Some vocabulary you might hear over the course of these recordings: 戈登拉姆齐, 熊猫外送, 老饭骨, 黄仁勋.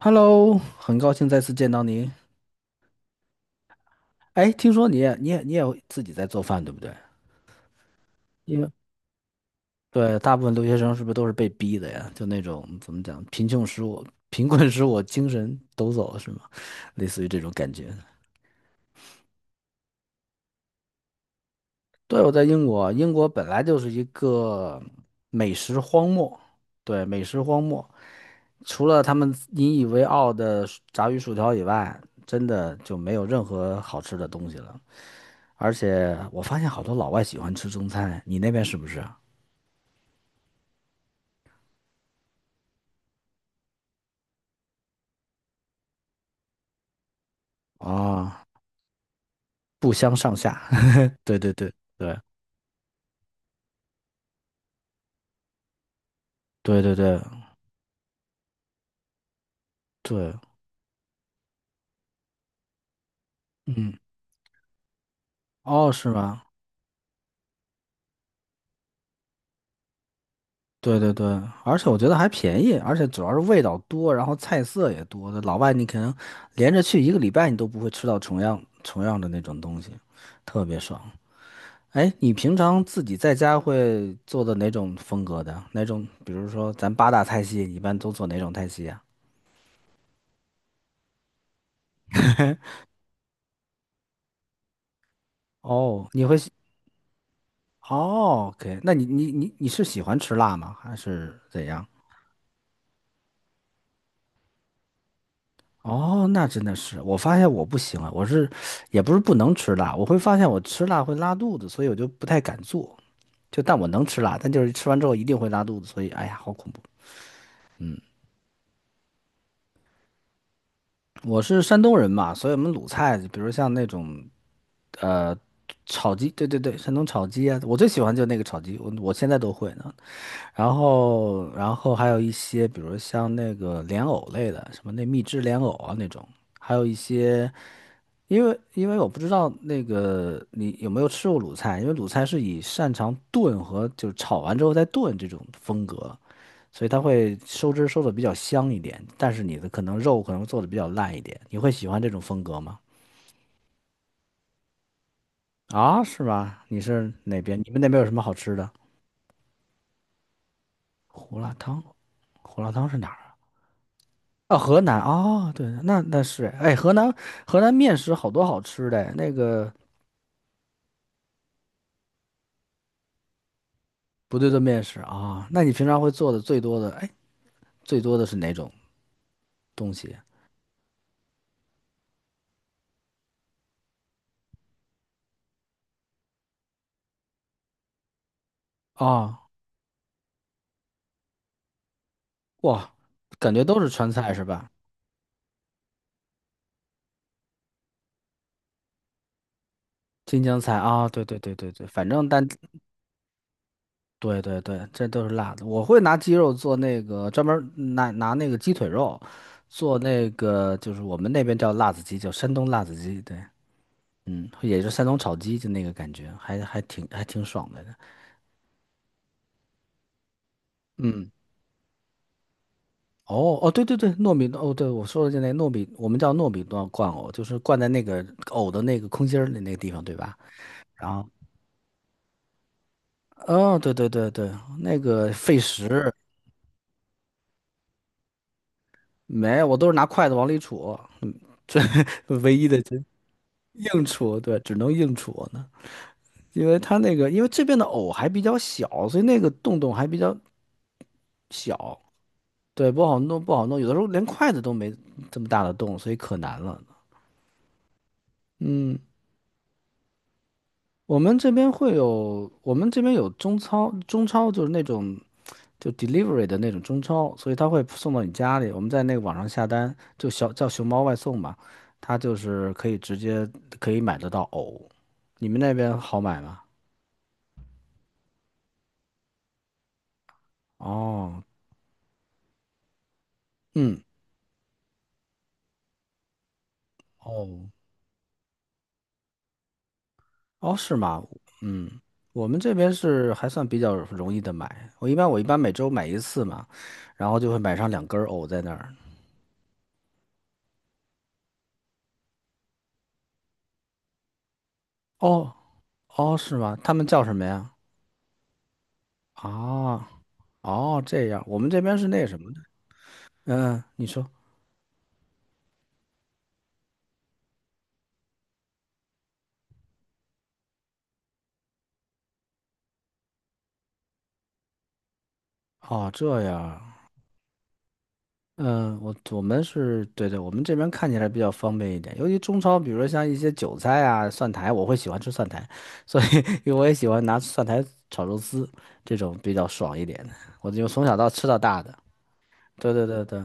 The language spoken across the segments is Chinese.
Hello，很高兴再次见到你。哎，听说你会自己在做饭，对不对？因为对，大部分留学生是不是都是被逼的呀？就那种怎么讲，贫穷使我 贫困使我精神抖擞，是吗？类似于这种感觉。对，我在英国，英国本来就是一个美食荒漠，对，美食荒漠，除了他们引以为傲的薯炸鱼薯条以外，真的就没有任何好吃的东西了。而且我发现好多老外喜欢吃中餐，你那边是不是啊？啊，不相上下。对对对对对对对对，嗯，哦，是吗？对对对，而且我觉得还便宜，而且主要是味道多，然后菜色也多，老外你可能连着去一个礼拜，你都不会吃到重样的那种东西，特别爽。哎，你平常自己在家会做的哪种风格的？哪种？比如说咱八大菜系，你一般都做哪种菜系呀？哦，你会哦，OK，那你是喜欢吃辣吗？还是怎样？哦，那真的是，我发现我不行啊，也不是不能吃辣，我会发现我吃辣会拉肚子，所以我就不太敢做。就但我能吃辣，但就是吃完之后一定会拉肚子，所以哎呀，好恐怖。我是山东人嘛，所以我们鲁菜，比如像那种呃炒鸡，对对对，山东炒鸡啊，我最喜欢就那个炒鸡，我现在都会呢。然后还有一些，比如像那个莲藕类的，什么那蜜汁莲藕啊那种，还有一些，因为我不知道那个你有没有吃过鲁菜，因为鲁菜是以擅长炖和就是炒完之后再炖这种风格，所以它会收汁儿收的比较香一点，但是你的可能肉可能做的比较烂一点。你会喜欢这种风格吗？啊，是吗？你是哪边？你们那边有什么好吃的？胡辣汤，胡辣汤是哪儿啊？啊，河南啊，对，那那是，哎，河南面食好多好吃的，那个不对的面食啊，那你平常会做的最多的，哎，最多的是哪种东西啊？哇，感觉都是川菜是吧？新疆菜啊，对对对对对，反正但对对对，这都是辣的。我会拿鸡肉做那个专门儿拿那个鸡腿肉做那个，就是我们那边叫辣子鸡，叫山东辣子鸡。对，嗯，也是山东炒鸡，就那个感觉，还挺爽的。嗯，哦哦，对对对，糯米哦，对我说的就那糯米，我们叫糯米罐罐藕，就是灌在那个藕的那个空心儿的那个地方，对吧？然后，哦，对对对对，那个费时，没，我都是拿筷子往里杵，嗯，这 唯一的。硬戳，对，只能硬戳呢，因为它那个，因为这边的藕还比较小，所以那个洞洞还比较小，对，不好弄，不好弄，有的时候连筷子都没这么大的洞，所以可难了。嗯，我们这边会有，我们这边有中超，中超就是那种就 delivery 的那种中超，所以他会送到你家里。我们在那个网上下单，就小叫熊猫外送嘛，它就是可以直接可以买得到藕。你们那边好买吗？哦，嗯，哦，哦，是吗？嗯，我们这边是还算比较容易的买。我一般每周买一次嘛，然后就会买上两根儿藕在那儿。哦，哦，是吗？他们叫什么呀？啊，哦，这样，我们这边是那什么的。嗯，你说，哦，这样，嗯，我们是对对，我们这边看起来比较方便一点。尤其中超，比如说像一些韭菜啊、蒜苔，我会喜欢吃蒜苔，所以 因为我也喜欢拿蒜苔炒肉丝，这种比较爽一点。的。我就从小到吃到大的。对对对对，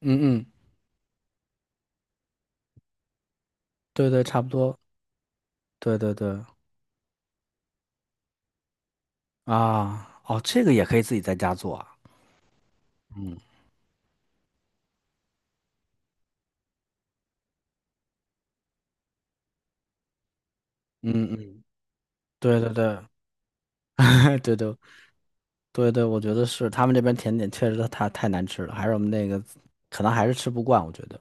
嗯嗯，对对，差不多。对对对，啊，哦，这个也可以自己在家做啊。嗯嗯嗯，对对对，对对对对，我觉得是他们这边甜点确实太难吃了，还是我们那个可能还是吃不惯，我觉得。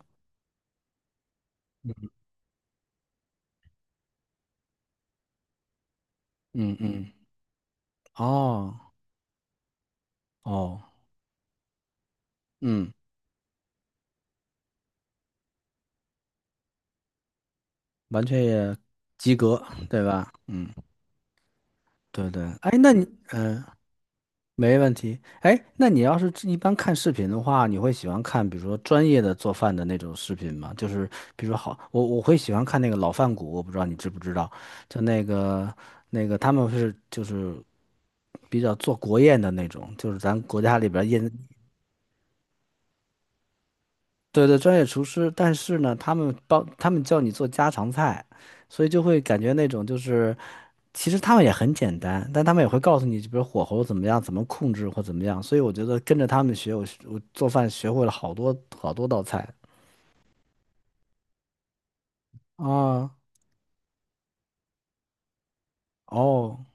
嗯嗯。哦哦，嗯，完全也及格，对吧？嗯，对对。哎，那你嗯、呃没问题。哎，那你要是一般看视频的话，你会喜欢看比如说专业的做饭的那种视频吗？就是比如说好，我会喜欢看那个老饭骨，我不知道你知不知道，就那个那个他们是就是比较做国宴的那种，就是咱国家里边宴对对，专业厨师，但是呢，他们帮他们教你做家常菜，所以就会感觉那种就是，其实他们也很简单，但他们也会告诉你，比如火候怎么样，怎么控制或怎么样。所以我觉得跟着他们学，我做饭学会了好多好多道菜啊。哦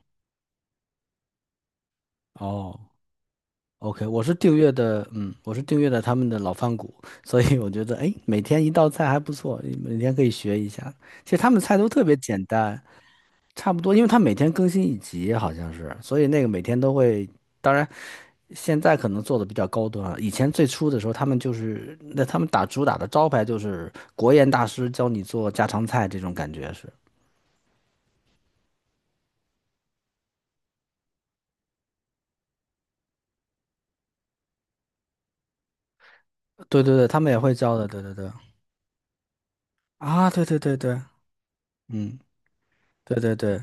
哦，OK，我是订阅的，嗯，我是订阅的他们的老饭骨，所以我觉得哎，每天一道菜还不错，每天可以学一下。其实他们菜都特别简单。差不多，因为他每天更新一集，好像是，所以那个每天都会。当然，现在可能做的比较高端啊。以前最初的时候，他们就是那他们打主打的招牌就是国宴大师教你做家常菜这种感觉是。对对对，他们也会教的。对对对。啊，对对对对，嗯，对对对，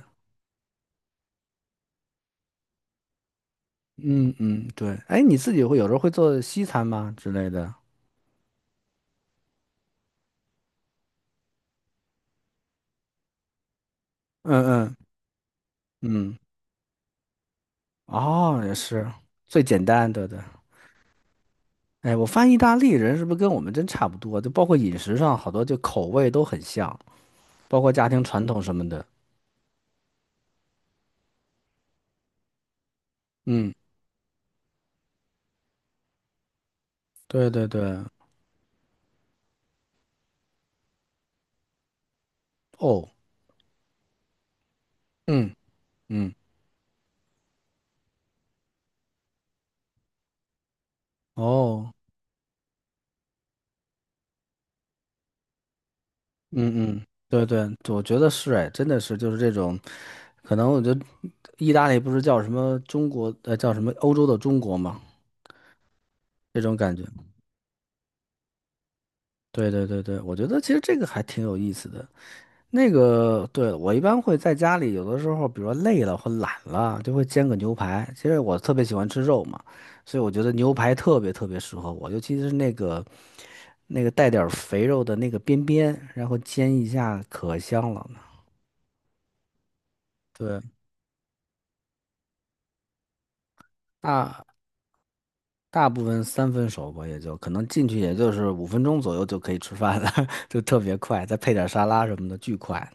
嗯嗯对。哎，你自己会有时候会做西餐吗之类的？嗯嗯嗯，哦，也是最简单，对对。哎，我发现意大利人是不是跟我们真差不多？就包括饮食上，好多就口味都很像，包括家庭传统什么的。嗯，对对对，哦，嗯嗯，哦，嗯嗯，对对，我觉得是哎，真的是就是这种，可能我觉得意大利不是叫什么中国，叫什么欧洲的中国吗？这种感觉。对对对对，我觉得其实这个还挺有意思的。那个，对，我一般会在家里，有的时候，比如说累了或懒了，就会煎个牛排。其实我特别喜欢吃肉嘛，所以我觉得牛排特别特别适合我，尤其是那个带点儿肥肉的那个边边，然后煎一下，可香了呢。对，大大部分三分熟吧，也就可能进去也就是五分钟左右就可以吃饭了，就特别快，再配点沙拉什么的，巨快。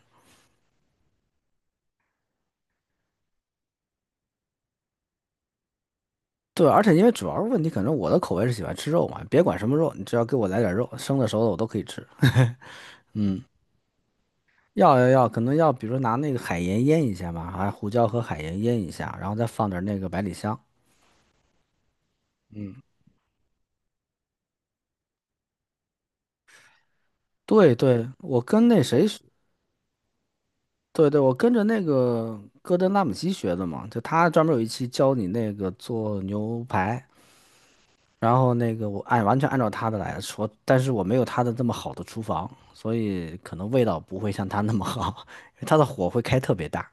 对，而且因为主要是问题，可能我的口味是喜欢吃肉嘛，别管什么肉，你只要给我来点肉，生的熟的我都可以吃。要要要，可能要比如说拿那个海盐腌一下嘛，还胡椒和海盐腌一下，然后再放点那个百里香。对对，我跟那谁学对对，我跟着那个戈登拉姆齐学的嘛，就他专门有一期教你那个做牛排，然后那个我按完全按照他的来说，但是我没有他的这么好的厨房，所以可能味道不会像他那么好，因为他的火会开特别大。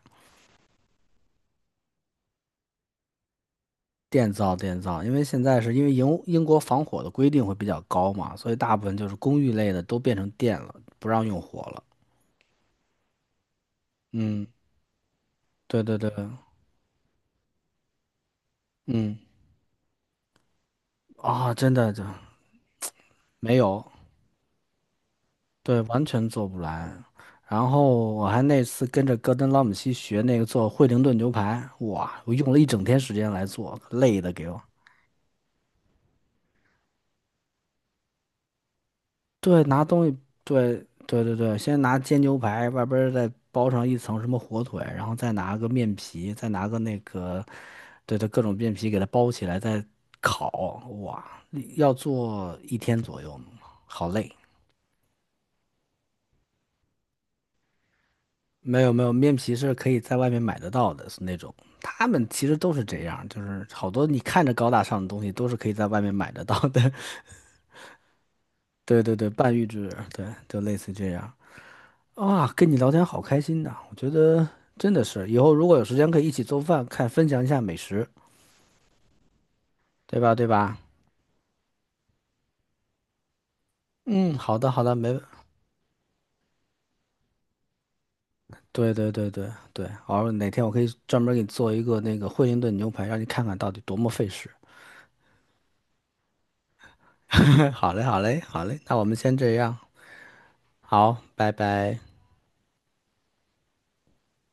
电灶，电灶，因为现在是因为英国防火的规定会比较高嘛，所以大部分就是公寓类的都变成电了，不让用火了。嗯，对对对，嗯，啊、真的就没有，对，完全做不来。然后我还那次跟着戈登拉姆西学那个做惠灵顿牛排，哇，我用了一整天时间来做，累的给我。对，拿东西，对对对对，先拿煎牛排，外边儿再包上一层什么火腿，然后再拿个面皮，再拿个那个，对对，各种面皮给它包起来，再烤。哇，要做一天左右呢好累。没有没有，面皮是可以在外面买得到的，是那种。他们其实都是这样，就是好多你看着高大上的东西都是可以在外面买得到的。对对对，半预制，对，就类似这样。啊，跟你聊天好开心呐！我觉得真的是，以后如果有时间可以一起做饭，看分享一下美食，对吧？对吧？嗯，好的，好的，没，对对对对对，好，哪天我可以专门给你做一个那个惠灵顿牛排，让你看看到底多么费事。好嘞，好嘞，好嘞，那我们先这样，好，拜拜。